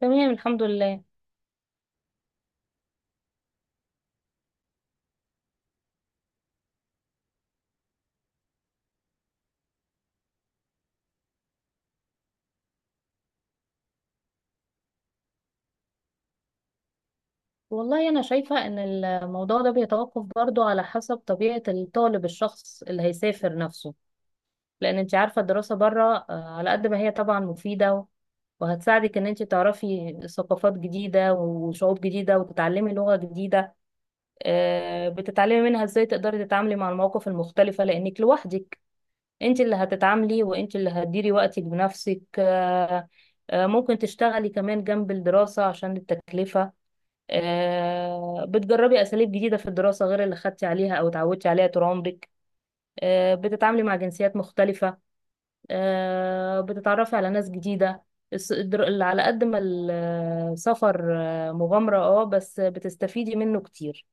تمام الحمد لله. والله أنا شايفة إن الموضوع ده بيتوقف برضو على حسب طبيعة الطالب، الشخص اللي هيسافر نفسه. لأن أنت عارفة الدراسة بره، على قد ما هي طبعا مفيدة، وهتساعدك إن أنت تعرفي ثقافات جديدة وشعوب جديدة وتتعلمي لغة جديدة. بتتعلمي منها إزاي تقدري تتعاملي مع المواقف المختلفة، لأنك لوحدك أنت اللي هتتعاملي، وأنت اللي هتديري وقتك بنفسك. ممكن تشتغلي كمان جنب الدراسة عشان التكلفة. بتجربي أساليب جديدة في الدراسة غير اللي خدتي عليها أو اتعودتي عليها طول عمرك. بتتعاملي مع جنسيات مختلفة. بتتعرفي على ناس جديدة. اللي على قد ما السفر مغامرة، اه، بس بتستفيدي منه كتير.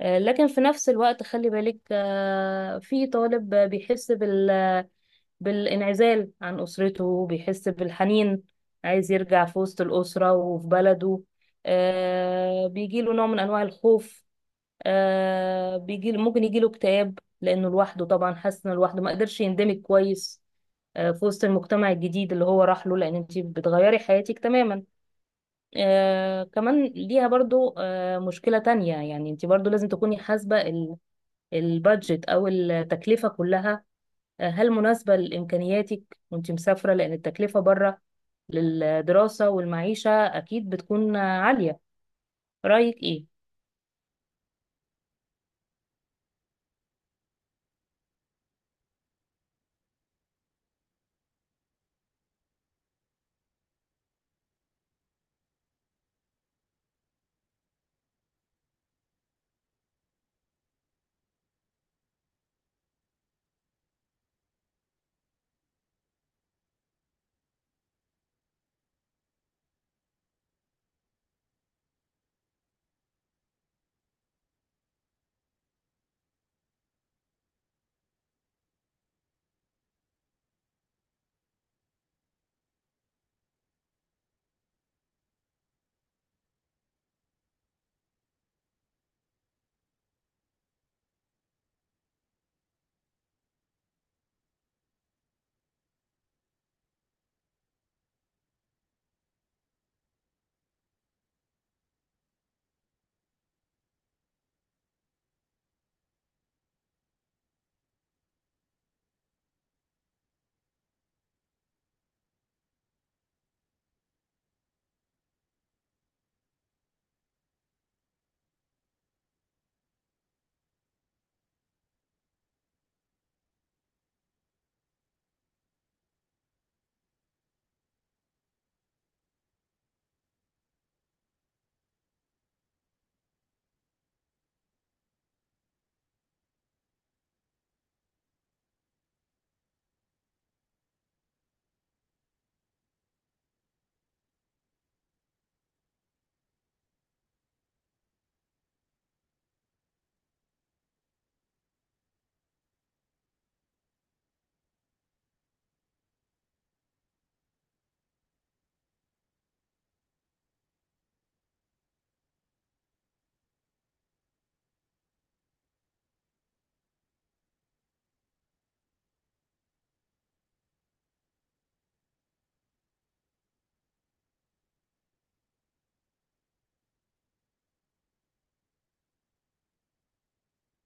لكن في نفس الوقت خلي بالك، في طالب بيحس بالانعزال عن أسرته، بيحس بالحنين، عايز يرجع في وسط الأسرة وفي بلده. بيجيله نوع من أنواع الخوف. آه بيجي ممكن يجيله اكتئاب، لأنه لوحده طبعا، حاسس إنه لوحده ما قدرش يندمج كويس في وسط المجتمع الجديد اللي هو راح له، لأن أنت بتغيري حياتك تماما. كمان ليها برضو مشكلة تانية، يعني أنت برضو لازم تكوني حاسبة البادجت أو التكلفة كلها. هل مناسبة لإمكانياتك وانت مسافرة؟ لأن التكلفة بره للدراسة والمعيشة أكيد بتكون عالية. رأيك إيه؟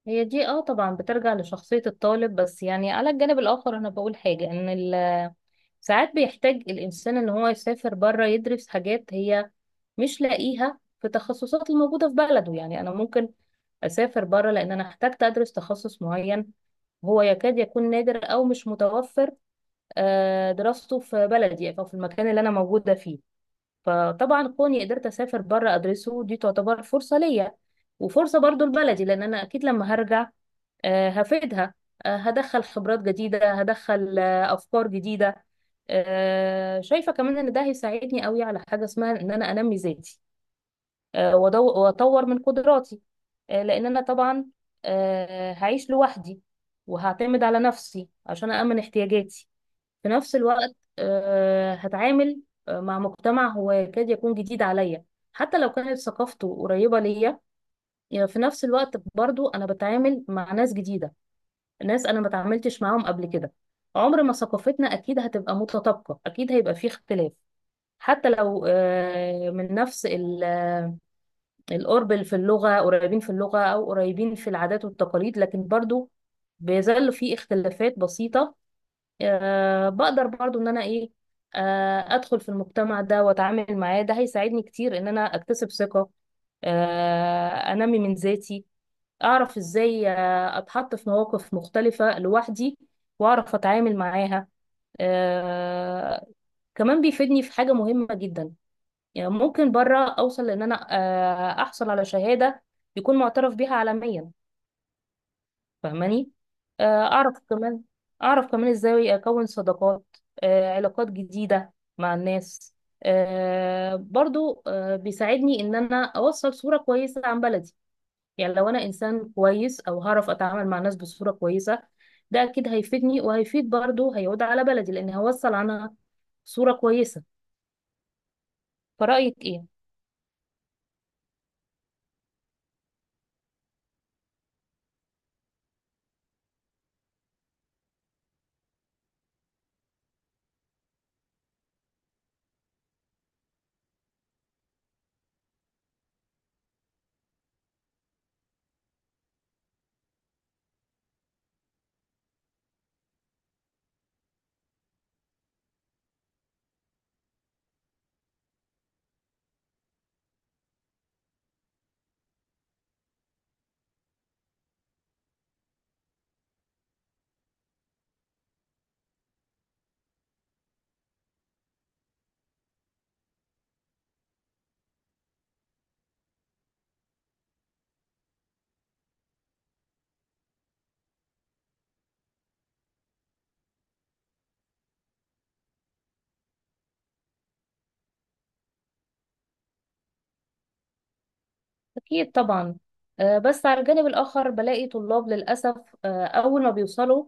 هي دي اه طبعا بترجع لشخصية الطالب، بس يعني على الجانب الآخر أنا بقول حاجة، إن ساعات بيحتاج الإنسان إن هو يسافر بره يدرس حاجات هي مش لاقيها في التخصصات الموجودة في بلده. يعني أنا ممكن أسافر بره لأن أنا احتجت أدرس تخصص معين، هو يكاد يكون نادر أو مش متوفر دراسته في بلدي يعني، أو في المكان اللي أنا موجودة فيه. فطبعا كوني قدرت أسافر بره أدرسه، دي تعتبر فرصة ليا، وفرصة برضو لبلدي، لأن أنا أكيد لما هرجع هفيدها. هدخل خبرات جديدة، هدخل أفكار جديدة. شايفة كمان إن ده هيساعدني قوي على حاجة اسمها إن أنا أنمي ذاتي وأطور من قدراتي، لأن أنا طبعا هعيش لوحدي، وهعتمد على نفسي عشان أأمن احتياجاتي. في نفس الوقت هتعامل مع مجتمع هو يكاد يكون جديد عليا، حتى لو كانت ثقافته قريبة ليا. يعني في نفس الوقت برضو أنا بتعامل مع ناس جديدة، ناس أنا ما تعاملتش معاهم قبل كده. عمر ما ثقافتنا أكيد هتبقى متطابقة، أكيد هيبقى فيه اختلاف. حتى لو آه، من نفس ال- آه، القرب في اللغة، قريبين في اللغة أو قريبين في العادات والتقاليد، لكن برضو بيظل في اختلافات بسيطة. بقدر برضو ان انا ايه، ادخل في المجتمع ده واتعامل معاه، ده هيساعدني كتير ان انا اكتسب ثقة، انمي من ذاتي، اعرف ازاي اتحط في مواقف مختلفة لوحدي واعرف اتعامل معاها. آه، كمان بيفيدني في حاجة مهمة جدا، يعني ممكن بره اوصل ان انا احصل على شهادة يكون معترف بيها عالميا. فاهماني؟ آه، اعرف كمان اعرف كمان ازاي اكون صداقات، علاقات جديدة مع الناس. آه، برضو آه، بيساعدني ان انا اوصل صورة كويسة عن بلدي. يعني لو انا انسان كويس، او هعرف اتعامل مع الناس بصورة كويسة، ده اكيد هيفيدني، وهيفيد برضو، هيعود على بلدي، لان هوصل عنها صورة كويسة. فرأيك ايه؟ اكيد طبعا. بس على الجانب الاخر بلاقي طلاب للاسف، اول ما بيوصلوا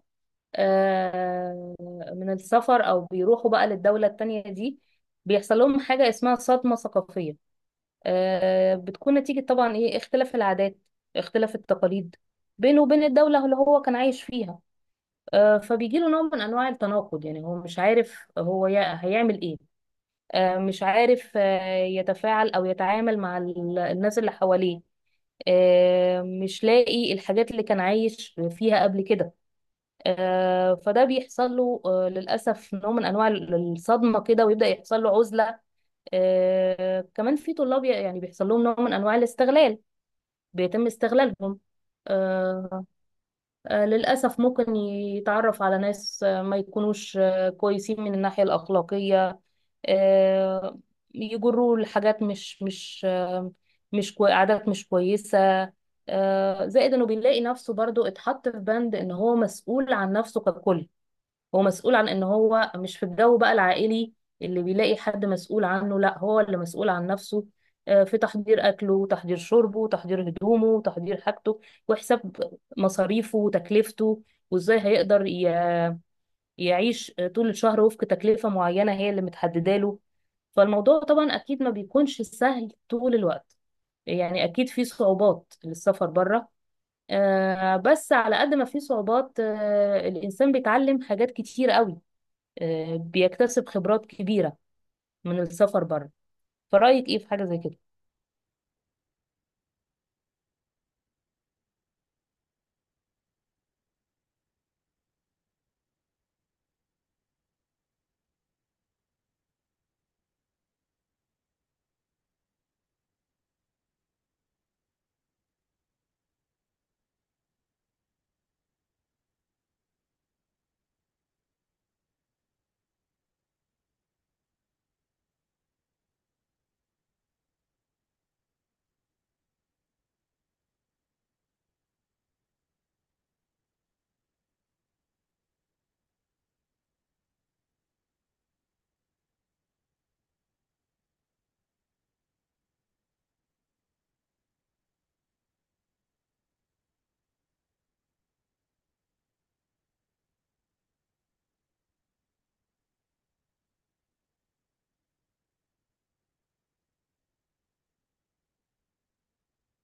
آه، من السفر، او بيروحوا بقى للدولة التانية دي، بيحصل لهم حاجة اسمها صدمة ثقافية. بتكون نتيجة طبعا ايه، اختلاف العادات، اختلاف التقاليد بينه وبين الدولة اللي هو كان عايش فيها. فبيجي له نوع من انواع التناقض، يعني هو مش عارف هو هيعمل ايه، مش عارف يتفاعل او يتعامل مع الناس اللي حواليه، مش لاقي الحاجات اللي كان عايش فيها قبل كده. فده بيحصل له للأسف نوع من أنواع الصدمة كده، ويبدأ يحصل له عزلة. كمان في طلاب يعني بيحصل لهم نوع من أنواع الاستغلال، بيتم استغلالهم. آه، للأسف ممكن يتعرف على ناس ما يكونوش كويسين من الناحية الأخلاقية، آه، يجروه لحاجات مش مش آه، مش كوي- عادات مش كويسة. زائد إنه بيلاقي نفسه برضو اتحط في بند إن هو مسؤول عن نفسه ككل. هو مسؤول عن ان هو مش في الجو بقى العائلي اللي بيلاقي حد مسؤول عنه، لا، هو اللي مسؤول عن نفسه في تحضير اكله، وتحضير شربه، وتحضير هدومه، وتحضير حاجته، وحساب مصاريفه وتكلفته، وازاي هيقدر يعيش طول الشهر وفق تكلفة معينة هي اللي متحددة له. فالموضوع طبعا اكيد ما بيكونش سهل طول الوقت، يعني اكيد في صعوبات للسفر بره، بس على قد ما في صعوبات الانسان بيتعلم حاجات كتير قوي، بيكتسب خبرات كبيرة من السفر بره. فرأيك ايه في حاجة زي كده؟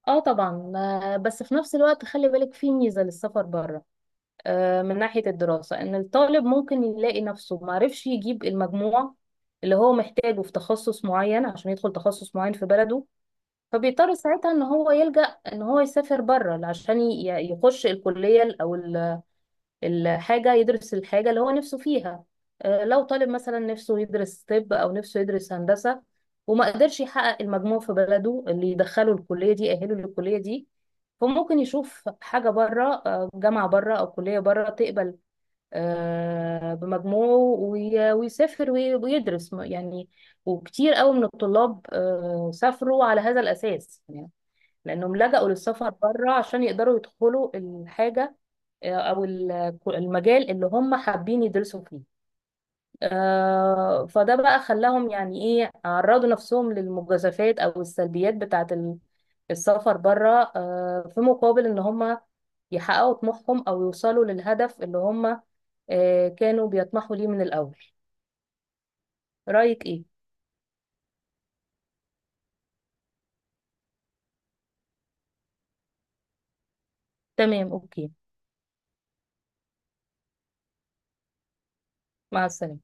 اه طبعا. بس في نفس الوقت خلي بالك في ميزة للسفر بره، من ناحية الدراسة، ان الطالب ممكن يلاقي نفسه معرفش يجيب المجموع اللي هو محتاجه في تخصص معين عشان يدخل تخصص معين في بلده. فبيضطر ساعتها ان هو يلجأ ان هو يسافر بره عشان يخش الكلية او ال الحاجة، يدرس الحاجة اللي هو نفسه فيها. لو طالب مثلا نفسه يدرس طب، أو نفسه يدرس هندسة، وما قدرش يحقق المجموع في بلده اللي يدخله الكلية دي، يأهله للكلية دي، فممكن يشوف حاجة بره، جامعة بره أو كلية بره تقبل بمجموعه، ويسافر ويدرس يعني. وكتير قوي من الطلاب سافروا على هذا الأساس، يعني لأنهم لجأوا للسفر بره عشان يقدروا يدخلوا الحاجة او ال- المجال اللي هم حابين يدرسوا فيه. فده بقى خلاهم يعني ايه، عرضوا نفسهم للمجازفات او السلبيات بتاعه السفر بره، في مقابل ان هم يحققوا طموحهم، او يوصلوا للهدف اللي هم كانوا بيطمحوا ليه من الاول. رأيك ايه؟ تمام، اوكي. مع السلامة.